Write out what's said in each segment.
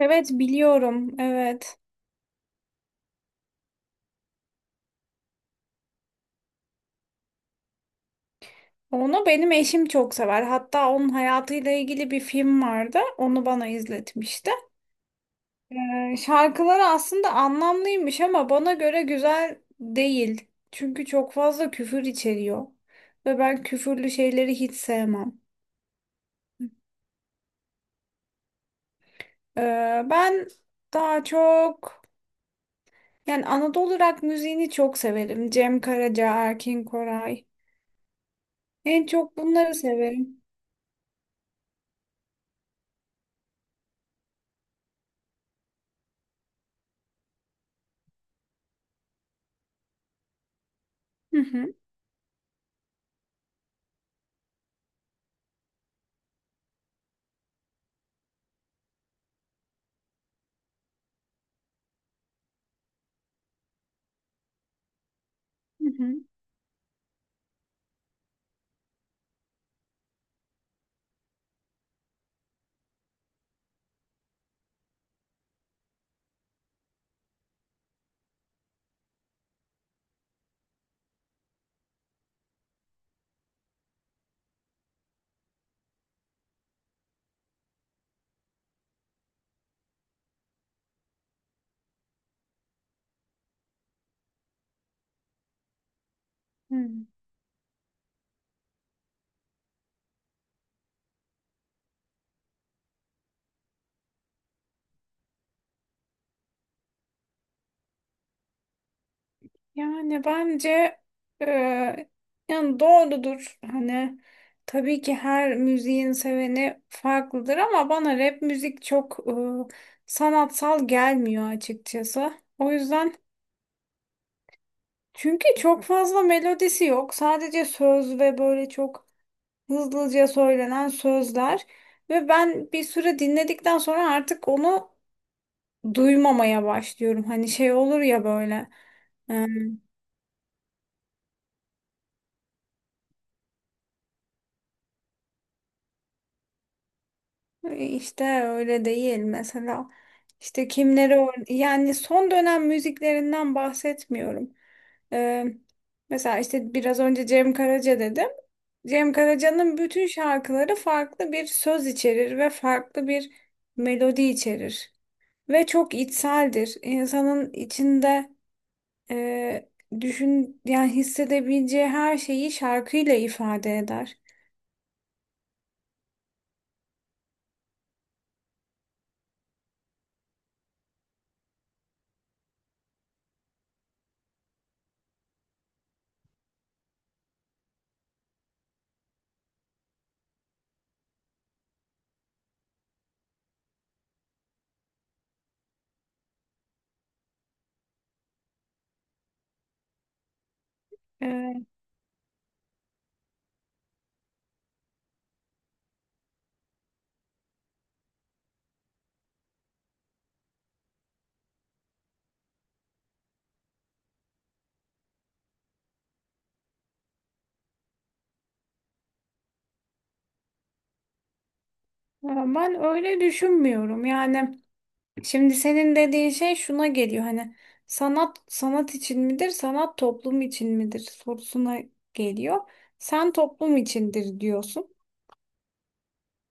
Evet, biliyorum. Evet. Onu benim eşim çok sever. Hatta onun hayatıyla ilgili bir film vardı. Onu bana izletmişti. Şarkıları aslında anlamlıymış ama bana göre güzel değil. Çünkü çok fazla küfür içeriyor. Ve ben küfürlü şeyleri hiç sevmem. Ee, ben daha çok yani Anadolu rock müziğini çok severim. Cem Karaca, Erkin Koray. En çok bunları severim. Hı hı. Hı hı. Hmm. Yani bence e, yani doğrudur. Hani tabii ki her müziğin seveni farklıdır ama bana rap müzik çok sanatsal gelmiyor açıkçası. O yüzden çünkü çok fazla melodisi yok. Sadece söz ve böyle çok hızlıca söylenen sözler ve ben bir süre dinledikten sonra artık onu duymamaya başlıyorum. Hani şey olur ya böyle. e, İşte öyle değil mesela. İşte yani son dönem müziklerinden bahsetmiyorum. Ee, mesela işte biraz önce Cem Karaca dedim. Cem Karaca'nın bütün şarkıları farklı bir söz içerir ve farklı bir melodi içerir. Ve çok içseldir. İnsanın içinde e, düşün yani hissedebileceği her şeyi şarkıyla ifade eder. E, ama ben öyle düşünmüyorum. Yani şimdi senin dediğin şey şuna geliyor, hani sanat sanat için midir, sanat toplum için midir sorusuna geliyor. Sen toplum içindir diyorsun.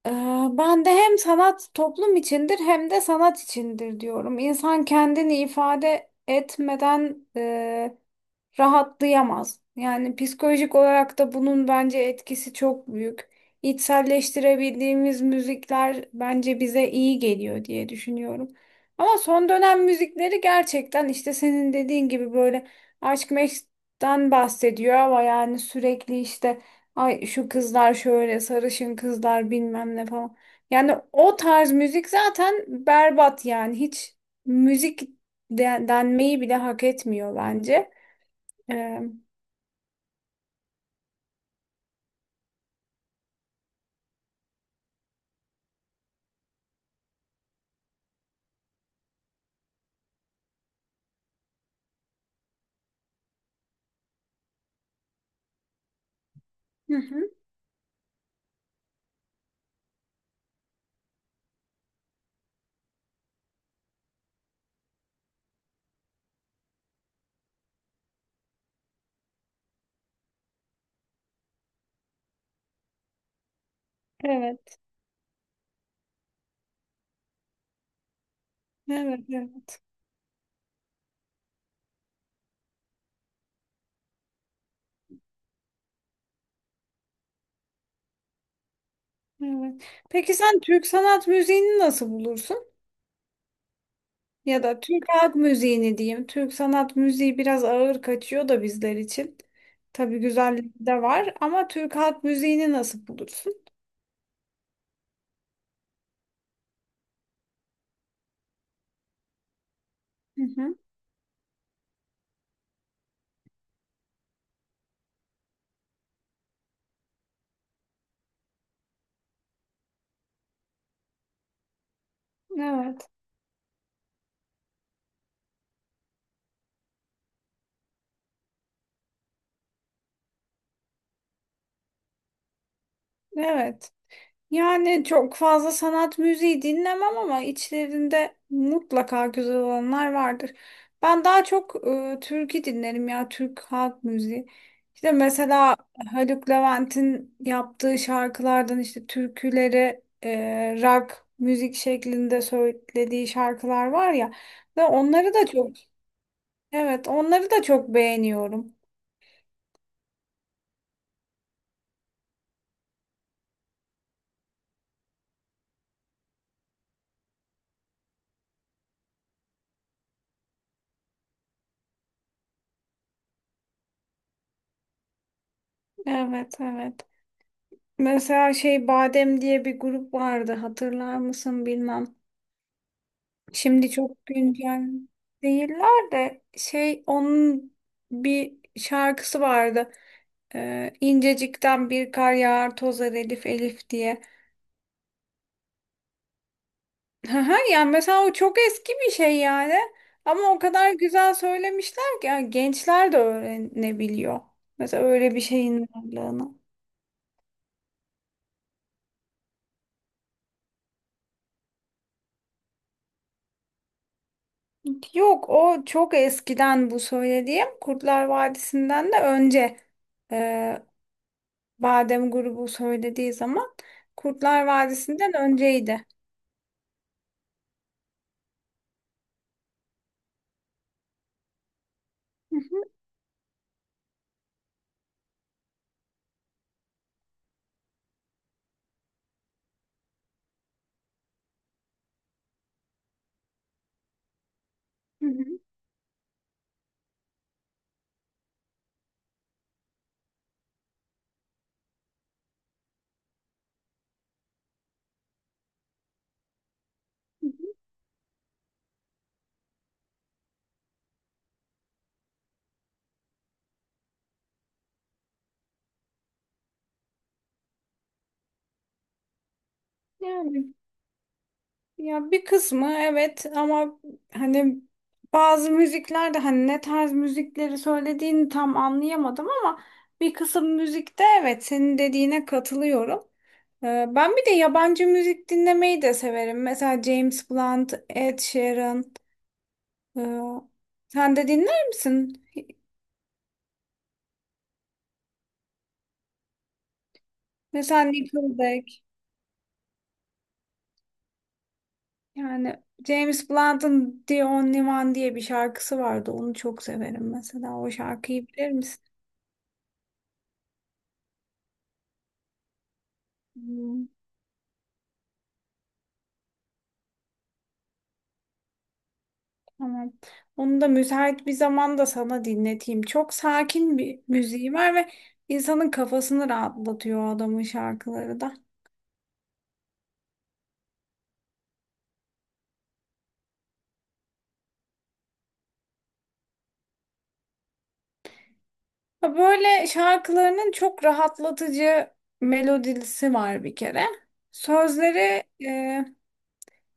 Ee, Ben de hem sanat toplum içindir hem de sanat içindir diyorum. İnsan kendini ifade etmeden rahatlayamaz. Yani psikolojik olarak da bunun bence etkisi çok büyük. İçselleştirebildiğimiz müzikler bence bize iyi geliyor diye düşünüyorum. Ama son dönem müzikleri gerçekten işte senin dediğin gibi böyle aşk meşkten bahsediyor ama yani sürekli işte ay şu kızlar şöyle sarışın kızlar bilmem ne falan. Yani o tarz müzik zaten berbat, yani hiç müzik denmeyi bile hak etmiyor bence. Ee, hı hı. Evet, evet, evet, evet. Peki sen Türk sanat müziğini nasıl bulursun? Ya da Türk halk müziğini diyeyim. Türk sanat müziği biraz ağır kaçıyor da bizler için. Tabii güzelliği de var ama Türk halk müziğini nasıl bulursun? Hı hı. Evet, evet. Yani çok fazla sanat müziği dinlemem ama içlerinde mutlaka güzel olanlar vardır. Ben daha çok türkü dinlerim, ya Türk halk müziği. İşte mesela Haluk Levent'in yaptığı şarkılardan, işte türküleri rock müzik şeklinde söylediği şarkılar var ya, ve onları da çok, evet, onları da çok beğeniyorum. Evet, evet. Mesela şey, Badem diye bir grup vardı, hatırlar mısın bilmem. Şimdi çok güncel değiller de şey, onun bir şarkısı vardı. İncecikten bir kar yağar tozar, Elif Elif diye. Haha, yani mesela o çok eski bir şey yani. Ama o kadar güzel söylemişler ki yani gençler de öğrenebiliyor. Mesela öyle bir şeyin varlığını. Yok o çok eskiden, bu söylediğim Kurtlar Vadisi'nden de önce, ee, Badem grubu söylediği zaman Kurtlar Vadisi'nden önceydi. Hı hı, hı hı, hı hı. Yani ya bir kısmı evet ama hani bazı müziklerde hani ne tarz müzikleri söylediğini tam anlayamadım ama bir kısım müzikte evet senin dediğine katılıyorum. Ben bir de yabancı müzik dinlemeyi de severim. Mesela James Blunt, Ed Sheeran. ee, Sen de dinler misin? Mesela Nickelback. Yani James Blunt'ın The Only One diye bir şarkısı vardı. Onu çok severim mesela. O şarkıyı bilir misin? Hmm, tamam. Onu da müsait bir zamanda sana dinleteyim. Çok sakin bir müziği var ve insanın kafasını rahatlatıyor o adamın şarkıları da. Ha, böyle şarkılarının çok rahatlatıcı melodisi var bir kere. Sözleri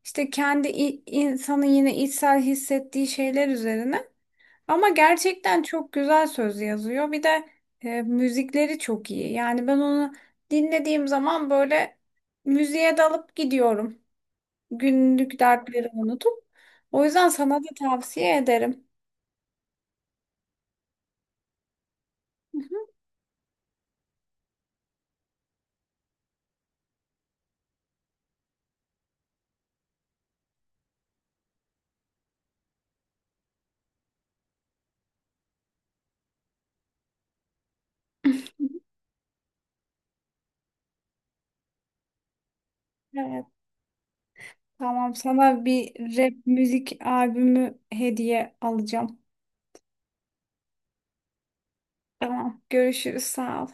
işte kendi insanın yine içsel hissettiği şeyler üzerine. Ama gerçekten çok güzel söz yazıyor. Bir de müzikleri çok iyi. Yani ben onu dinlediğim zaman böyle müziğe dalıp gidiyorum. Günlük dertlerimi unutup. O yüzden sana da tavsiye ederim. Evet, tamam. Sana bir rap müzik albümü hediye alacağım. Tamam, görüşürüz. Sağ ol.